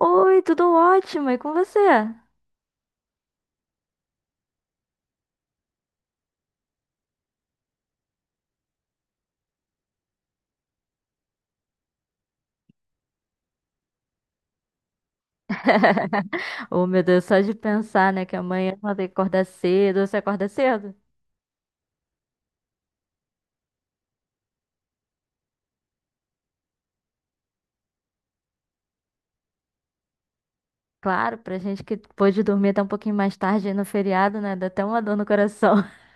Oi, tudo ótimo, e com você? Oh, meu Deus, só de pensar, né, que amanhã eu vou ter que acordar cedo. Você acorda cedo? Claro, pra gente que pôde dormir até um pouquinho mais tarde aí no feriado, né, dá até uma dor no coração.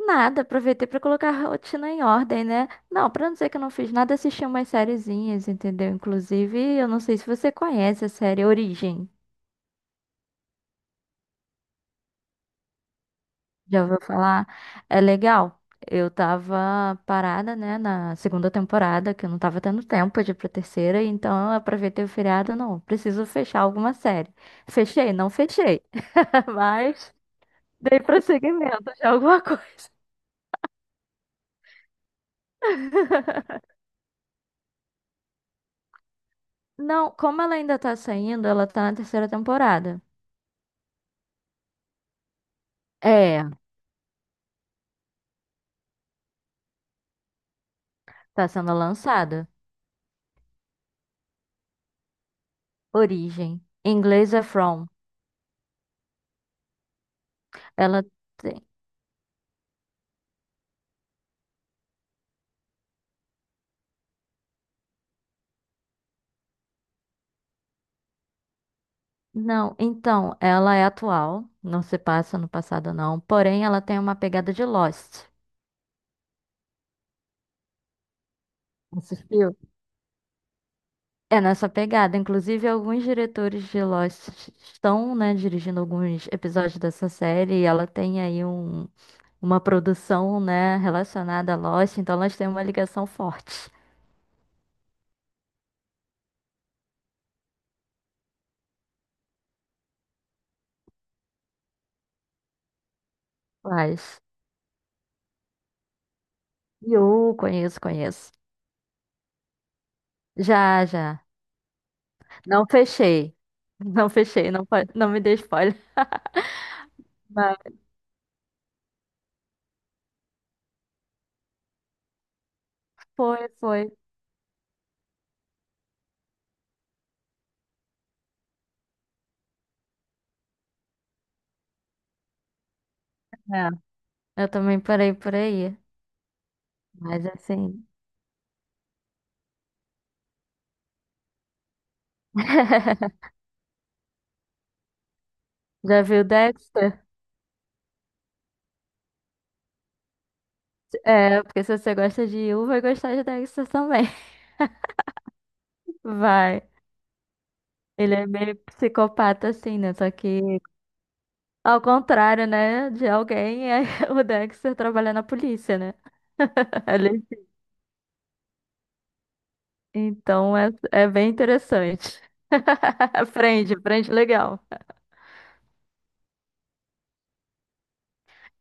Nada, aproveitei pra colocar a rotina em ordem, né? Não, pra não dizer que eu não fiz nada, assisti umas sériezinhas, entendeu? Inclusive, eu não sei se você conhece a série Origem. Já ouviu falar? É legal. Eu tava parada, né, na segunda temporada, que eu não tava tendo tempo de ir pra terceira, então eu aproveitei o feriado, não, preciso fechar alguma série. Fechei? Não fechei. Mas dei prosseguimento de alguma coisa. Não, como ela ainda tá saindo, ela tá na terceira temporada. É, tá sendo lançada. Origem. Em inglês é From. Ela. Não, então, ela é atual, não se passa no passado não, porém ela tem uma pegada de Lost. Assistiu? É nessa pegada, inclusive alguns diretores de Lost estão, né, dirigindo alguns episódios dessa série e ela tem aí um, uma produção, né, relacionada a Lost, então elas têm uma ligação forte. Mas eu conheço, conheço. Já, já. Não fechei. Não fechei, não, pode- não me dê spoiler. Mas foi, foi. Eu também parei por aí. Mas assim. Já viu Dexter? É, porque se você gosta de Yu, vai gostar de Dexter também. Vai. Ele é meio psicopata, assim, né? Só que ao contrário, né? De alguém, é o Dexter trabalha na polícia, né? Ele- Então é, é bem interessante. Prende, prende legal.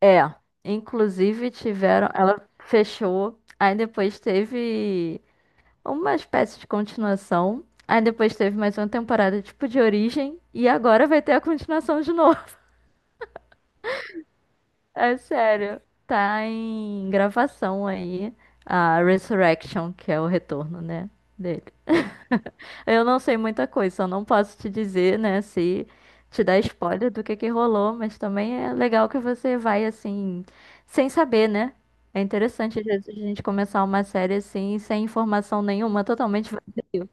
É. Inclusive tiveram. Ela fechou. Aí depois teve. Uma espécie de continuação. Aí depois teve mais uma temporada tipo de origem. E agora vai ter a continuação de novo. É sério. Tá em gravação aí a Resurrection, que é o retorno, né? Dele. Eu não sei muita coisa, só não posso te dizer, né? Se te dar spoiler do que rolou, mas também é legal que você vai assim, sem saber, né? É interessante às vezes a gente começar uma série assim, sem informação nenhuma, totalmente vazio.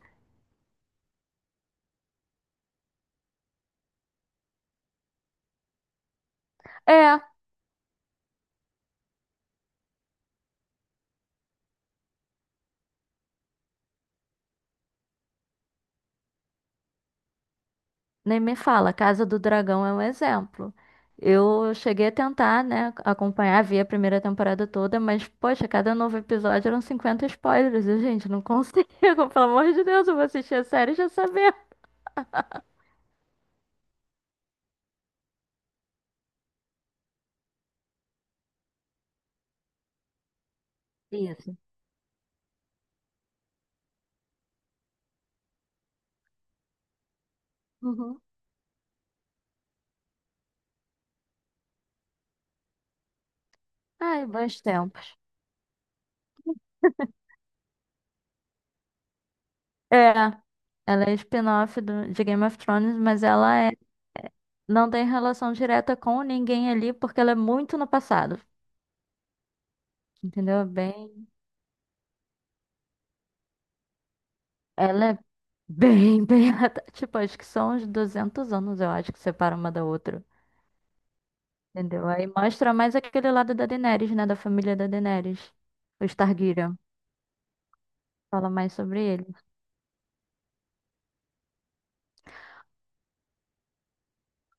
É, nem me fala, Casa do Dragão é um exemplo. Eu cheguei a tentar, né, acompanhar, vi a primeira temporada toda, mas, poxa, cada novo episódio eram 50 spoilers, e, gente, não consigo, pelo amor de Deus, eu vou assistir a série e já saber. Isso. Uhum. Ai, bons tempos. É, ela é spin-off do- de Game of Thrones, mas ela é- não tem relação direta com ninguém ali, porque ela é muito no passado, entendeu? É bem, ela é bem, tipo, acho que são uns 200 anos, eu acho, que separa uma da outra. Entendeu? Aí mostra mais aquele lado da Daenerys, né? Da família da Daenerys. Os Targaryen. Fala mais sobre ele.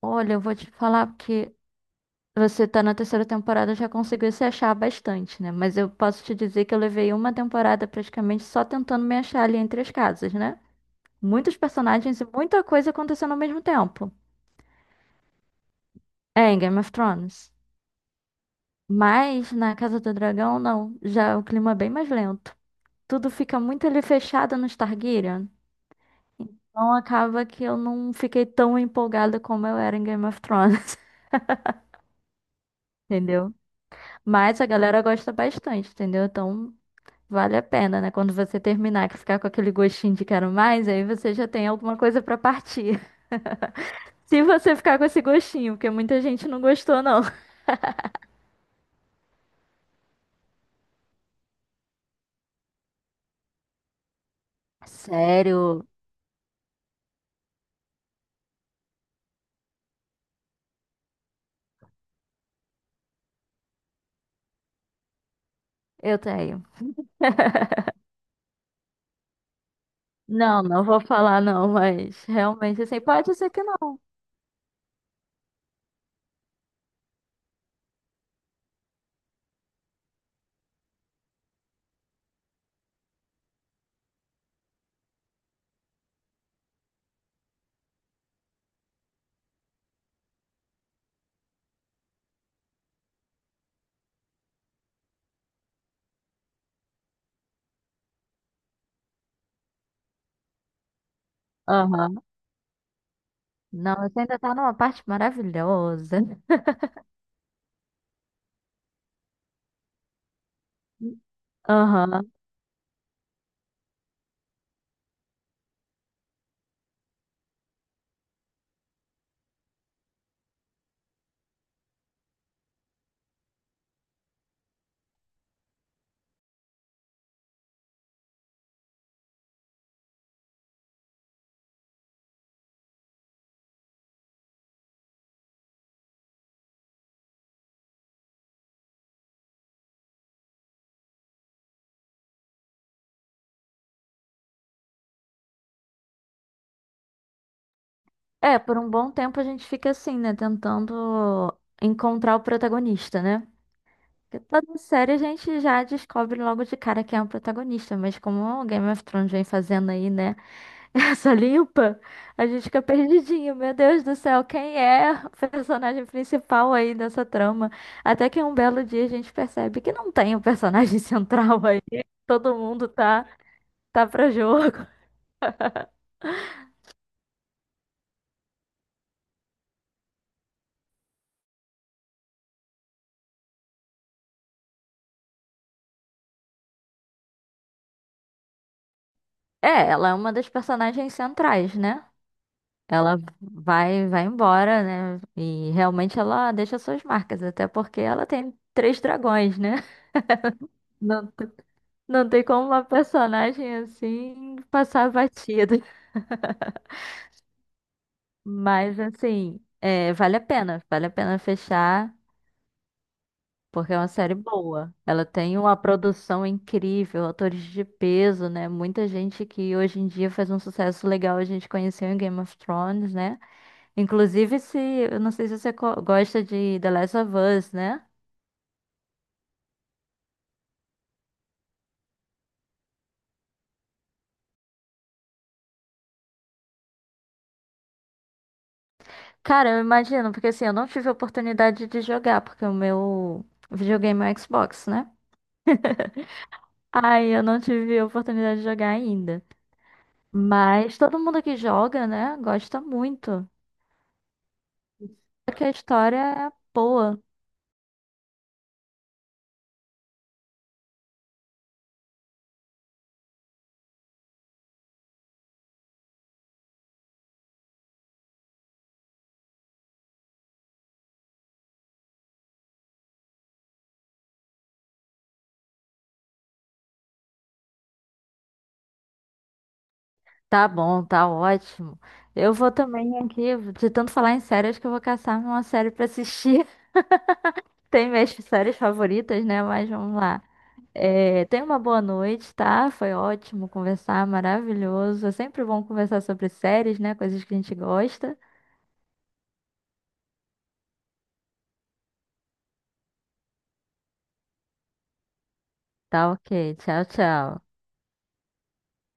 Olha, eu vou te falar que você tá na terceira temporada, já conseguiu se achar bastante, né? Mas eu posso te dizer que eu levei uma temporada praticamente só tentando me achar ali entre as casas, né? Muitos personagens e muita coisa acontecendo ao mesmo tempo. É, em Game of Thrones. Mas na Casa do Dragão, não. Já é o clima é bem mais lento. Tudo fica muito ali fechado no Targaryen. Então acaba que eu não fiquei tão empolgada como eu era em Game of Thrones, entendeu? Mas a galera gosta bastante, entendeu? Então vale a pena, né? Quando você terminar, que ficar com aquele gostinho de quero mais, aí você já tem alguma coisa pra partir. Se você ficar com esse gostinho, porque muita gente não gostou, não. Sério, eu tenho. Não, não vou falar não, mas realmente assim, pode ser que não. Aham. Não, você ainda tá numa parte maravilhosa. Aham. É, por um bom tempo a gente fica assim, né? Tentando encontrar o protagonista, né? Porque toda série a gente já descobre logo de cara quem é o protagonista, mas como o Game of Thrones vem fazendo aí, né? Essa limpa, a gente fica perdidinho. Meu Deus do céu, quem é o personagem principal aí dessa trama? Até que um belo dia a gente percebe que não tem o personagem central aí. Todo mundo tá, tá para jogo. É, ela é uma das personagens centrais, né? Ela vai, vai embora, né? E realmente ela deixa suas marcas, até porque ela tem três dragões, né? Não, t- não tem como uma personagem assim passar batida. Mas assim, é, vale a pena fechar, porque é uma série boa. Ela tem uma produção incrível, atores de peso, né? Muita gente que hoje em dia faz um sucesso legal, a gente conheceu em Game of Thrones, né? Inclusive, se, eu não sei se você co- gosta de The Last of Us, né? Cara, eu imagino, porque assim, eu não tive a oportunidade de jogar, porque o meu videogame é o Xbox, né? Aí eu não tive a oportunidade de jogar ainda. Mas todo mundo que joga, né, gosta muito. Porque a história é boa. Tá bom, tá ótimo. Eu vou também aqui, de tanto falar em séries, que eu vou caçar uma série pra assistir. Tem minhas séries favoritas, né? Mas vamos lá. É, tenha uma boa noite, tá? Foi ótimo conversar, maravilhoso. É sempre bom conversar sobre séries, né? Coisas que a gente gosta. Tá ok. Tchau, tchau.